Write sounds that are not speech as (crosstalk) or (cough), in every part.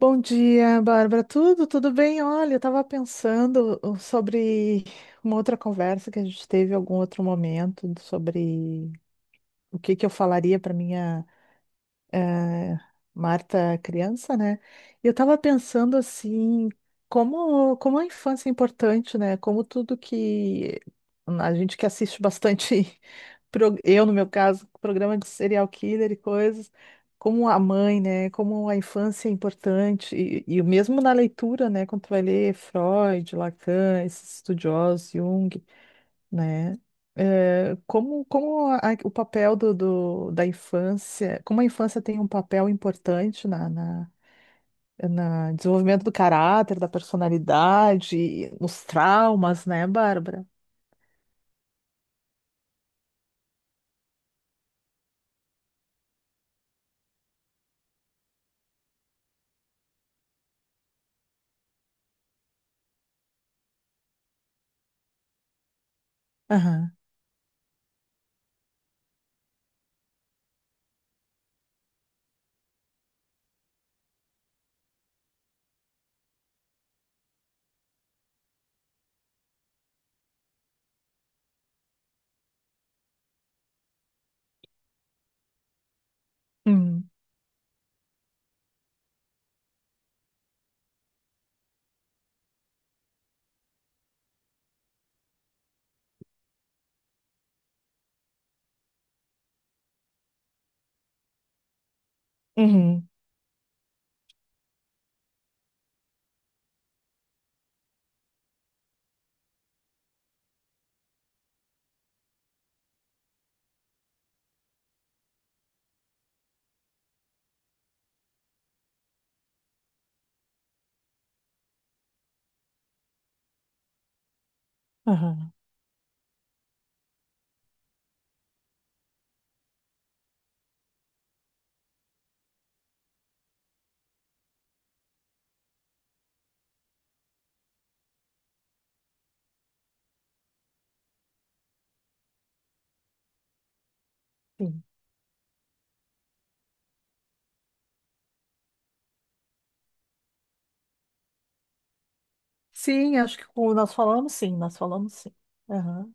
Bom dia, Bárbara. Tudo bem? Olha, eu estava pensando sobre uma outra conversa que a gente teve em algum outro momento, sobre o que que eu falaria para minha eh, Marta criança, né? E eu tava pensando assim, como a infância é importante, né? Como tudo que a gente que assiste bastante, (laughs) eu no meu caso, programa de serial killer e coisas, como a mãe, né? Como a infância é importante, e mesmo na leitura, né? Quando tu vai ler Freud, Lacan, esses estudiosos, Jung, né? É, o papel da infância, como a infância tem um papel importante na desenvolvimento do caráter, da personalidade, e nos traumas, né, Bárbara? Aham. Uhum. Uhum. Aham. Sim. Sim, acho que nós falamos sim, nós falamos sim. Aham.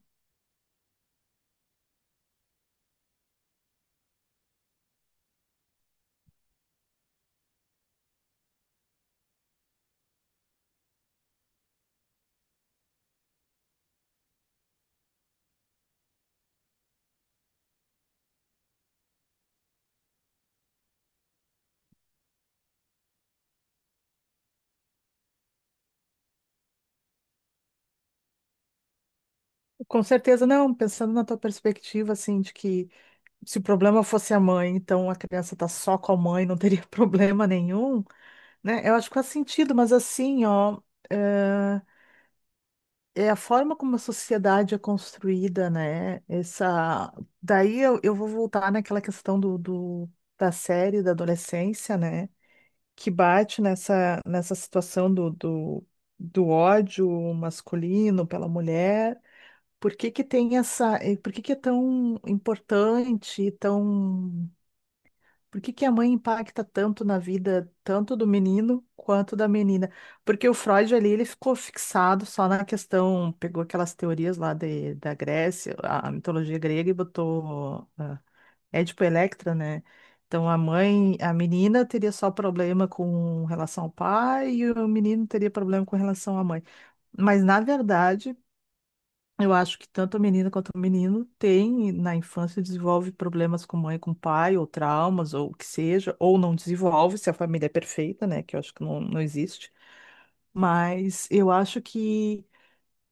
Com certeza. Não, pensando na tua perspectiva, assim, de que se o problema fosse a mãe, então a criança tá só com a mãe, não teria (laughs) problema nenhum. Né? Eu acho que faz sentido, mas assim, ó, eh, é a forma como a sociedade é construída, né? Essa... Daí eu vou voltar naquela questão da série da adolescência, né? Que bate nessa, nessa situação do ódio masculino pela mulher. Por que que tem essa... Por que que é tão importante, tão por que que a mãe impacta tanto na vida, tanto do menino quanto da menina? Porque o Freud ali, ele ficou fixado só na questão, pegou aquelas teorias lá de, da Grécia, a mitologia grega e botou Édipo e Electra, né? Então a mãe, a menina teria só problema com relação ao pai e o menino teria problema com relação à mãe. Mas na verdade eu acho que tanto a menina quanto o menino tem, na infância, desenvolve problemas com mãe, com pai, ou traumas, ou o que seja, ou não desenvolve, se a família é perfeita, né? Que eu acho que não, não existe. Mas eu acho que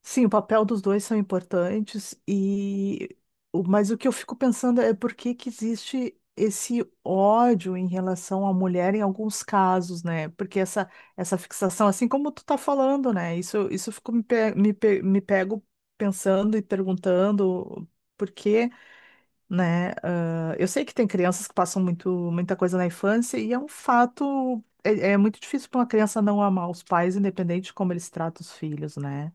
sim, o papel dos dois são importantes e mas o que eu fico pensando é por que que existe esse ódio em relação à mulher em alguns casos, né? Porque essa fixação, assim como tu tá falando, né? Isso eu fico me pego pensando e perguntando por quê, né? Ah, eu sei que tem crianças que passam muito muita coisa na infância e é um fato, é muito difícil para uma criança não amar os pais, independente de como eles tratam os filhos, né?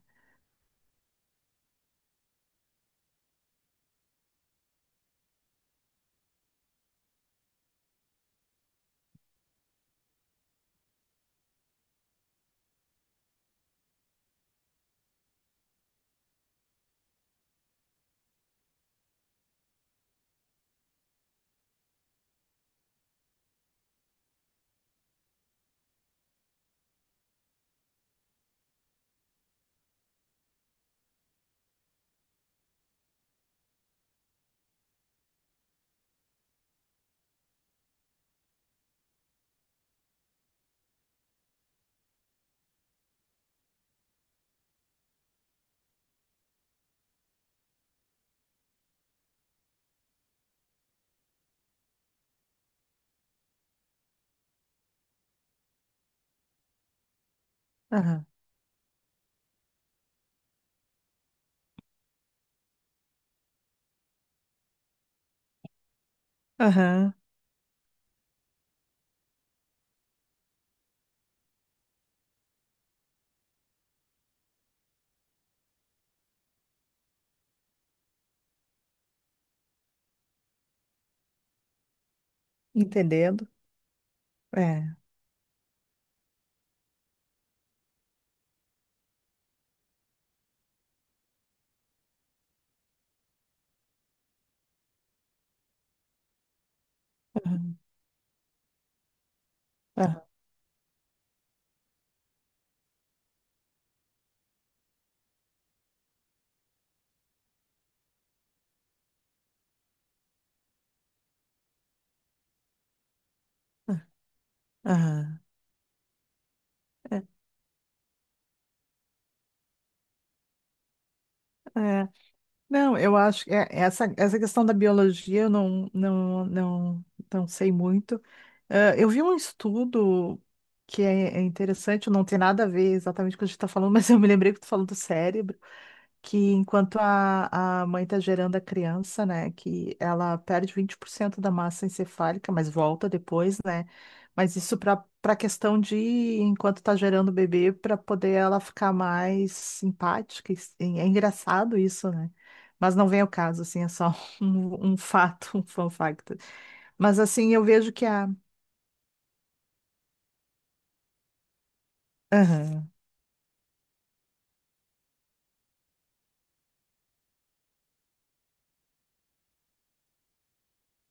Aham, entendendo. É. Aham, aham, aham. É, é. Não, eu acho que essa, essa questão da biologia eu não sei muito. Ah, eu vi um estudo que é interessante, não tem nada a ver exatamente com o que a gente está falando, (laughs) mas eu me lembrei que tu falou do cérebro, que enquanto a mãe está gerando a criança, né, que ela perde 20% da massa encefálica, mas volta depois, né? Mas isso para questão de enquanto está gerando o bebê, para poder ela ficar mais simpática. É engraçado isso, né? Mas não vem ao caso, assim, é só (laughs) um fato, um fun fact. Mas assim, eu vejo que a. Aham.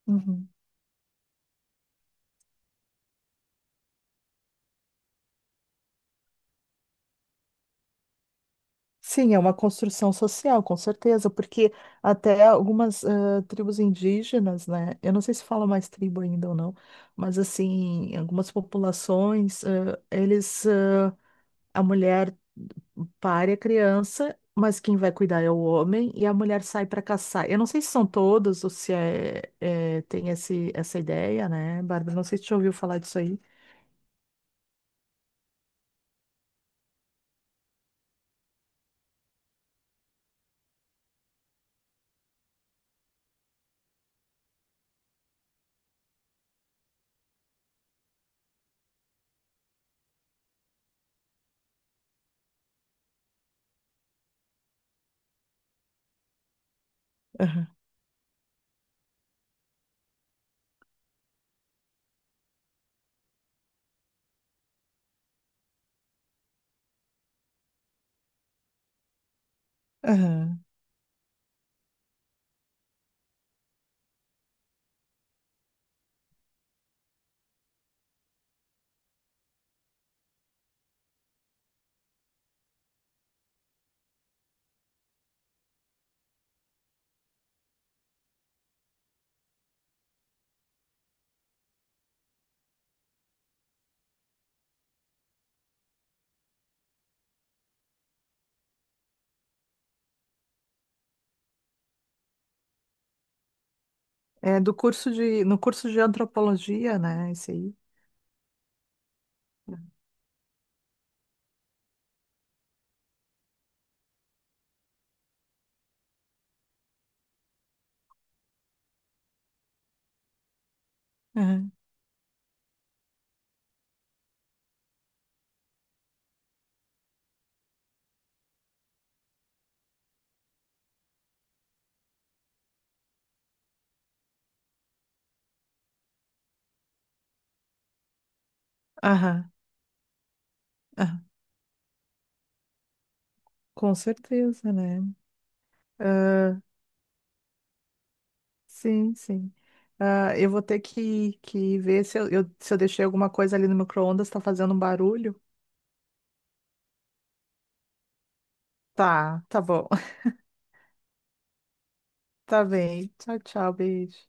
Uhum. Sim, é uma construção social, com certeza, porque até algumas tribos indígenas, né? Eu não sei se fala mais tribo ainda ou não, mas assim, algumas populações, a mulher pare a criança, mas quem vai cuidar é o homem e a mulher sai para caçar. Eu não sei se são todos ou se tem essa ideia, né, Bárbara? Não sei se você já ouviu falar disso aí. Aham, aham. É do curso de, no curso de antropologia, né? Isso aí. Aham. Aham, aham, com certeza, né? Ah, sim, sim. Ah, eu vou ter que ver se se eu deixei alguma coisa ali no micro-ondas, tá fazendo um barulho? Tá, tá bom. (laughs) Tá bem. Tchau, tchau, beijo.